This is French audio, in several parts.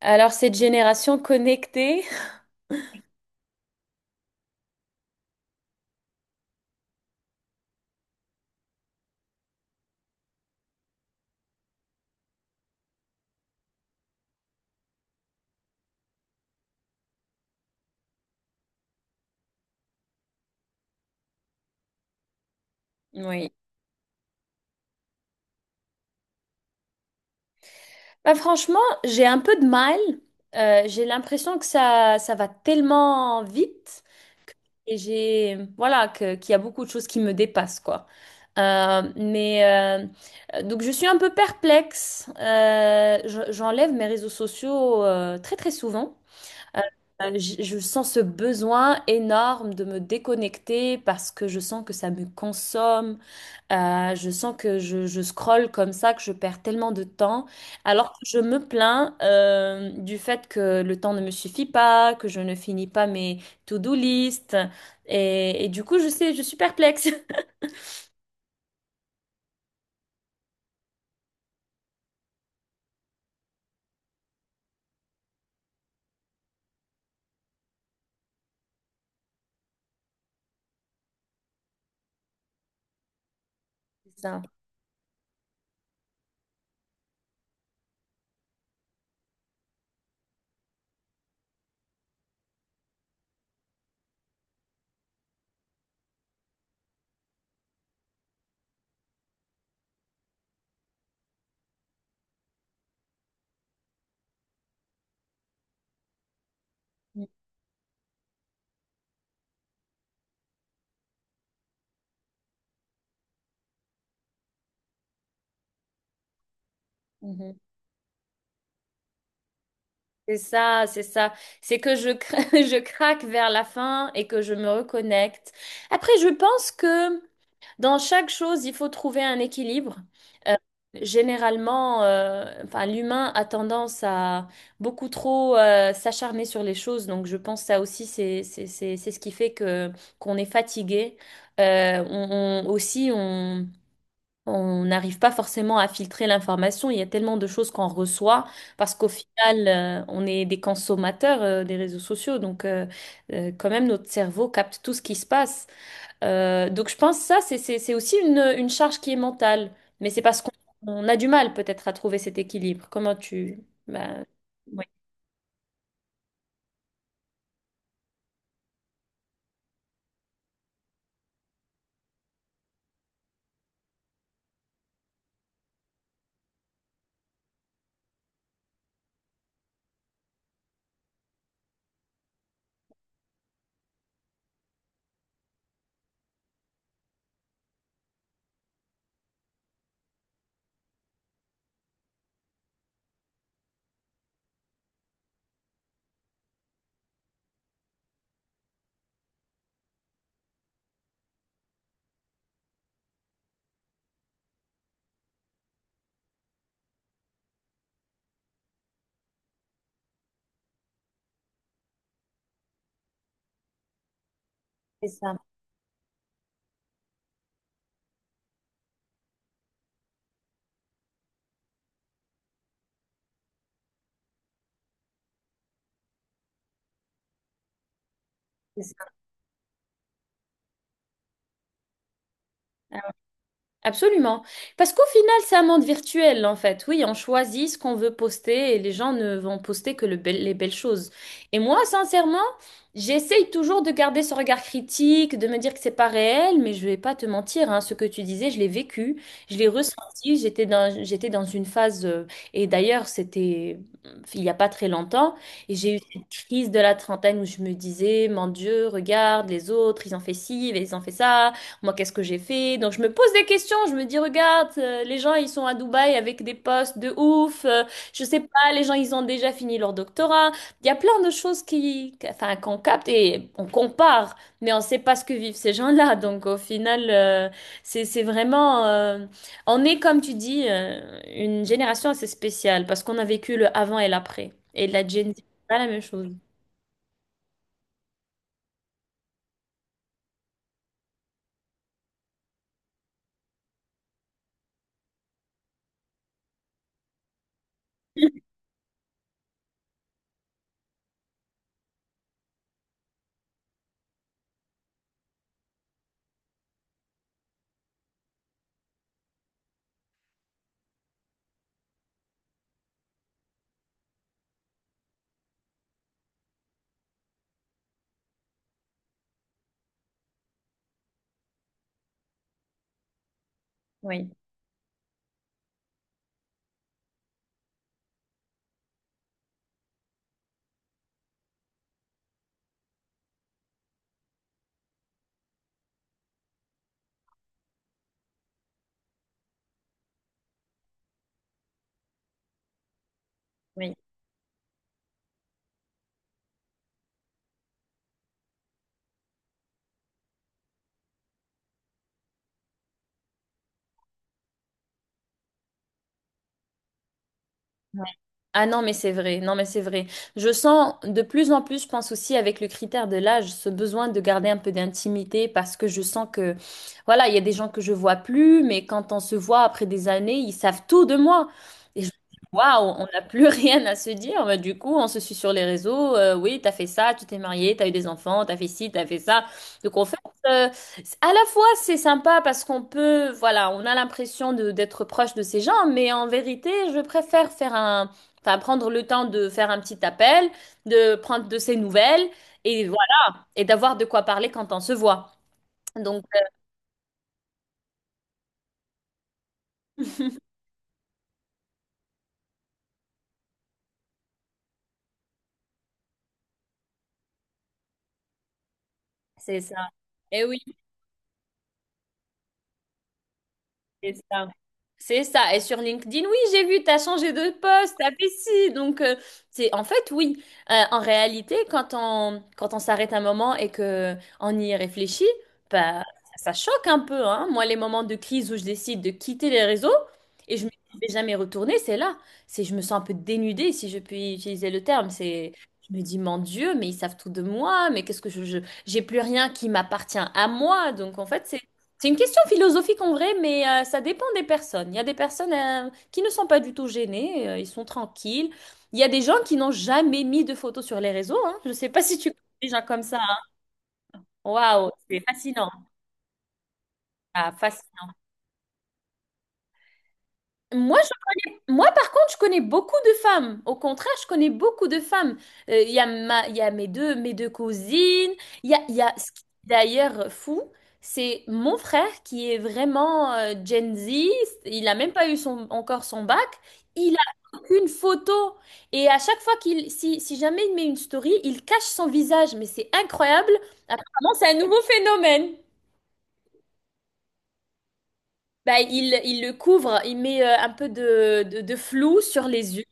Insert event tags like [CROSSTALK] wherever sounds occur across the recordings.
Alors, cette génération connectée, [LAUGHS] oui. Bah, franchement, j'ai un peu de mal. J'ai l'impression que ça va tellement vite et j'ai, voilà, qu'il y a beaucoup de choses qui me dépassent, quoi. Euh, mais euh, donc, je suis un peu perplexe. J'enlève mes réseaux sociaux très, très souvent. Euh, je sens ce besoin énorme de me déconnecter parce que je sens que ça me consomme. Je sens que je scrolle comme ça, que je perds tellement de temps, alors que je me plains du fait que le temps ne me suffit pas, que je ne finis pas mes to-do list, et du coup, je sais, je suis perplexe. [LAUGHS] C'est ça. Mm, mhm. C'est ça, c'est ça. C'est que [LAUGHS] je craque vers la fin et que je me reconnecte. Après, je pense que dans chaque chose, il faut trouver un équilibre. Euh, Généralement, enfin, l'humain a tendance à beaucoup trop s'acharner sur les choses. Donc, je pense que ça aussi, c'est ce qui fait que qu'on est fatigué. Aussi, on n'arrive pas forcément à filtrer l'information. Il y a tellement de choses qu'on reçoit parce qu'au final, on est des consommateurs des réseaux sociaux. Donc, quand même, notre cerveau capte tout ce qui se passe. Donc je pense que ça, c'est aussi une charge qui est mentale. Mais c'est parce qu'on on a du mal peut-être à trouver cet équilibre. Comment tu... Ben, oui, c'est ça. C'est ça. Absolument. Parce qu'au final, c'est un monde virtuel, en fait. Oui, on choisit ce qu'on veut poster et les gens ne vont poster que les belles choses. Et moi, sincèrement, j'essaye toujours de garder ce regard critique, de me dire que c'est pas réel, mais je vais pas te mentir, hein, ce que tu disais, je l'ai vécu, je l'ai ressenti, j'étais dans une phase, et d'ailleurs, c'était il y a pas très longtemps, et j'ai eu cette crise de la trentaine où je me disais, mon Dieu, regarde les autres, ils ont fait ci, ils ont fait ça. Moi, qu'est-ce que j'ai fait? Donc, je me pose des questions. Je me dis, regarde, les gens, ils sont à Dubaï avec des postes de ouf. Je sais pas, les gens, ils ont déjà fini leur doctorat. Il y a plein de choses enfin, qu'on capte et on compare, mais on sait pas ce que vivent ces gens-là. Donc, au final, c'est vraiment, on est, comme tu dis, une génération assez spéciale parce qu'on a vécu le avant et l'après. Et la Gen Z, c'est pas la même chose. Oui, oui. Ah non, mais c'est vrai, non, mais c'est vrai. Je sens de plus en plus, je pense aussi avec le critère de l'âge, ce besoin de garder un peu d'intimité parce que je sens que, voilà, il y a des gens que je vois plus, mais quand on se voit après des années, ils savent tout de moi. Et je me dis, waouh, on n'a plus [LAUGHS] rien à se dire. Mais du coup, on se suit sur les réseaux. Euh, oui, t'as fait ça, tu t'es marié, t'as eu des enfants, t'as fait ci, t'as fait ça. Donc en fait, c'est- à la fois, c'est sympa parce qu'on peut, voilà, on a l'impression de d'être proche de ces gens, mais en vérité, je préfère faire un enfin, prendre le temps de faire un petit appel, de prendre de ses nouvelles et voilà, et d'avoir de quoi parler quand on se voit. Donc, euh, c'est ça. Et oui. C'est ça. C'est ça. Et sur LinkedIn, oui, j'ai vu, t'as changé de poste, t'as fait ci. C'est en fait, oui. En réalité, quand on, quand on s'arrête un moment et que on y réfléchit, bah, ça choque un peu, hein. Moi, les moments de crise où je décide de quitter les réseaux et je ne vais jamais retourner, c'est là. C'est, je me sens un peu dénudée, si je puis utiliser le terme. C'est, je me dis, mon Dieu, mais ils savent tout de moi, mais qu'est-ce que j'ai plus rien qui m'appartient à moi. Donc, en fait, c'est une question philosophique en vrai, mais ça dépend des personnes. Il y a des personnes qui ne sont pas du tout gênées, ils sont tranquilles. Il y a des gens qui n'ont jamais mis de photos sur les réseaux. Hein. Je ne sais pas si tu connais des gens comme ça. Hein. Waouh, c'est fascinant. Ah, fascinant. Moi, Moi, par contre, je connais beaucoup de femmes. Au contraire, je connais beaucoup de femmes. Il y a ma, il y a mes deux cousines. Il y a ce qui est d'ailleurs fou, c'est mon frère qui est vraiment Gen Z. Il n'a même pas eu son, encore son bac. Il a aucune photo. Et à chaque fois qu'il, si, si jamais il met une story, il cache son visage. Mais c'est incroyable. Apparemment, c'est un nouveau phénomène. Bah, il le couvre, il met un peu de flou sur les yeux.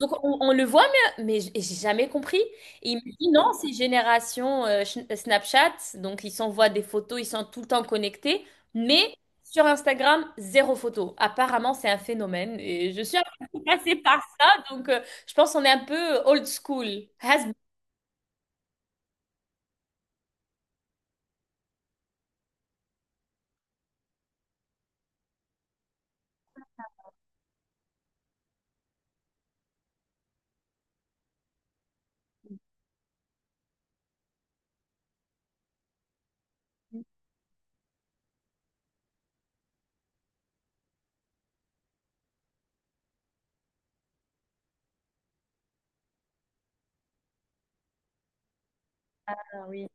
Donc on le voit, mais j'ai jamais compris. Et il me dit non, c'est génération Snapchat, donc ils s'envoient des photos, ils sont tout le temps connectés, mais sur Instagram, zéro photo. Apparemment, c'est un phénomène et je suis un peu passée par ça, donc je pense qu'on est un peu old school. Has been. Ah oui.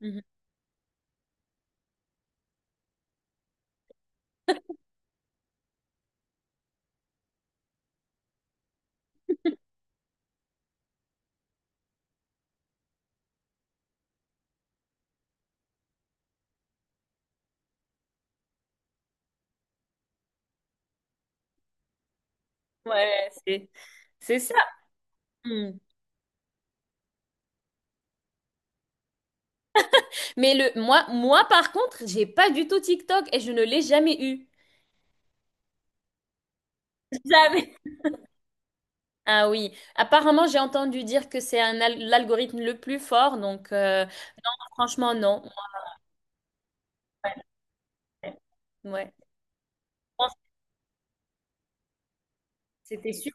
Mhm. Ouais, c'est ça. Mm. Mais le moi moi par contre, j'ai pas du tout TikTok et je ne l'ai jamais eu. Jamais. Ah oui, apparemment j'ai entendu dire que c'est l'algorithme le plus fort, donc franchement non. Ouais, ouais. Je pense que c'était sûr.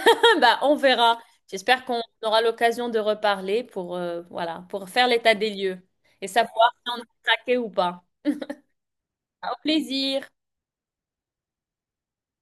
[LAUGHS] Bah on verra. J'espère qu'on aura l'occasion de reparler pour voilà pour faire l'état des lieux et savoir si on a craqué ou pas. Au plaisir.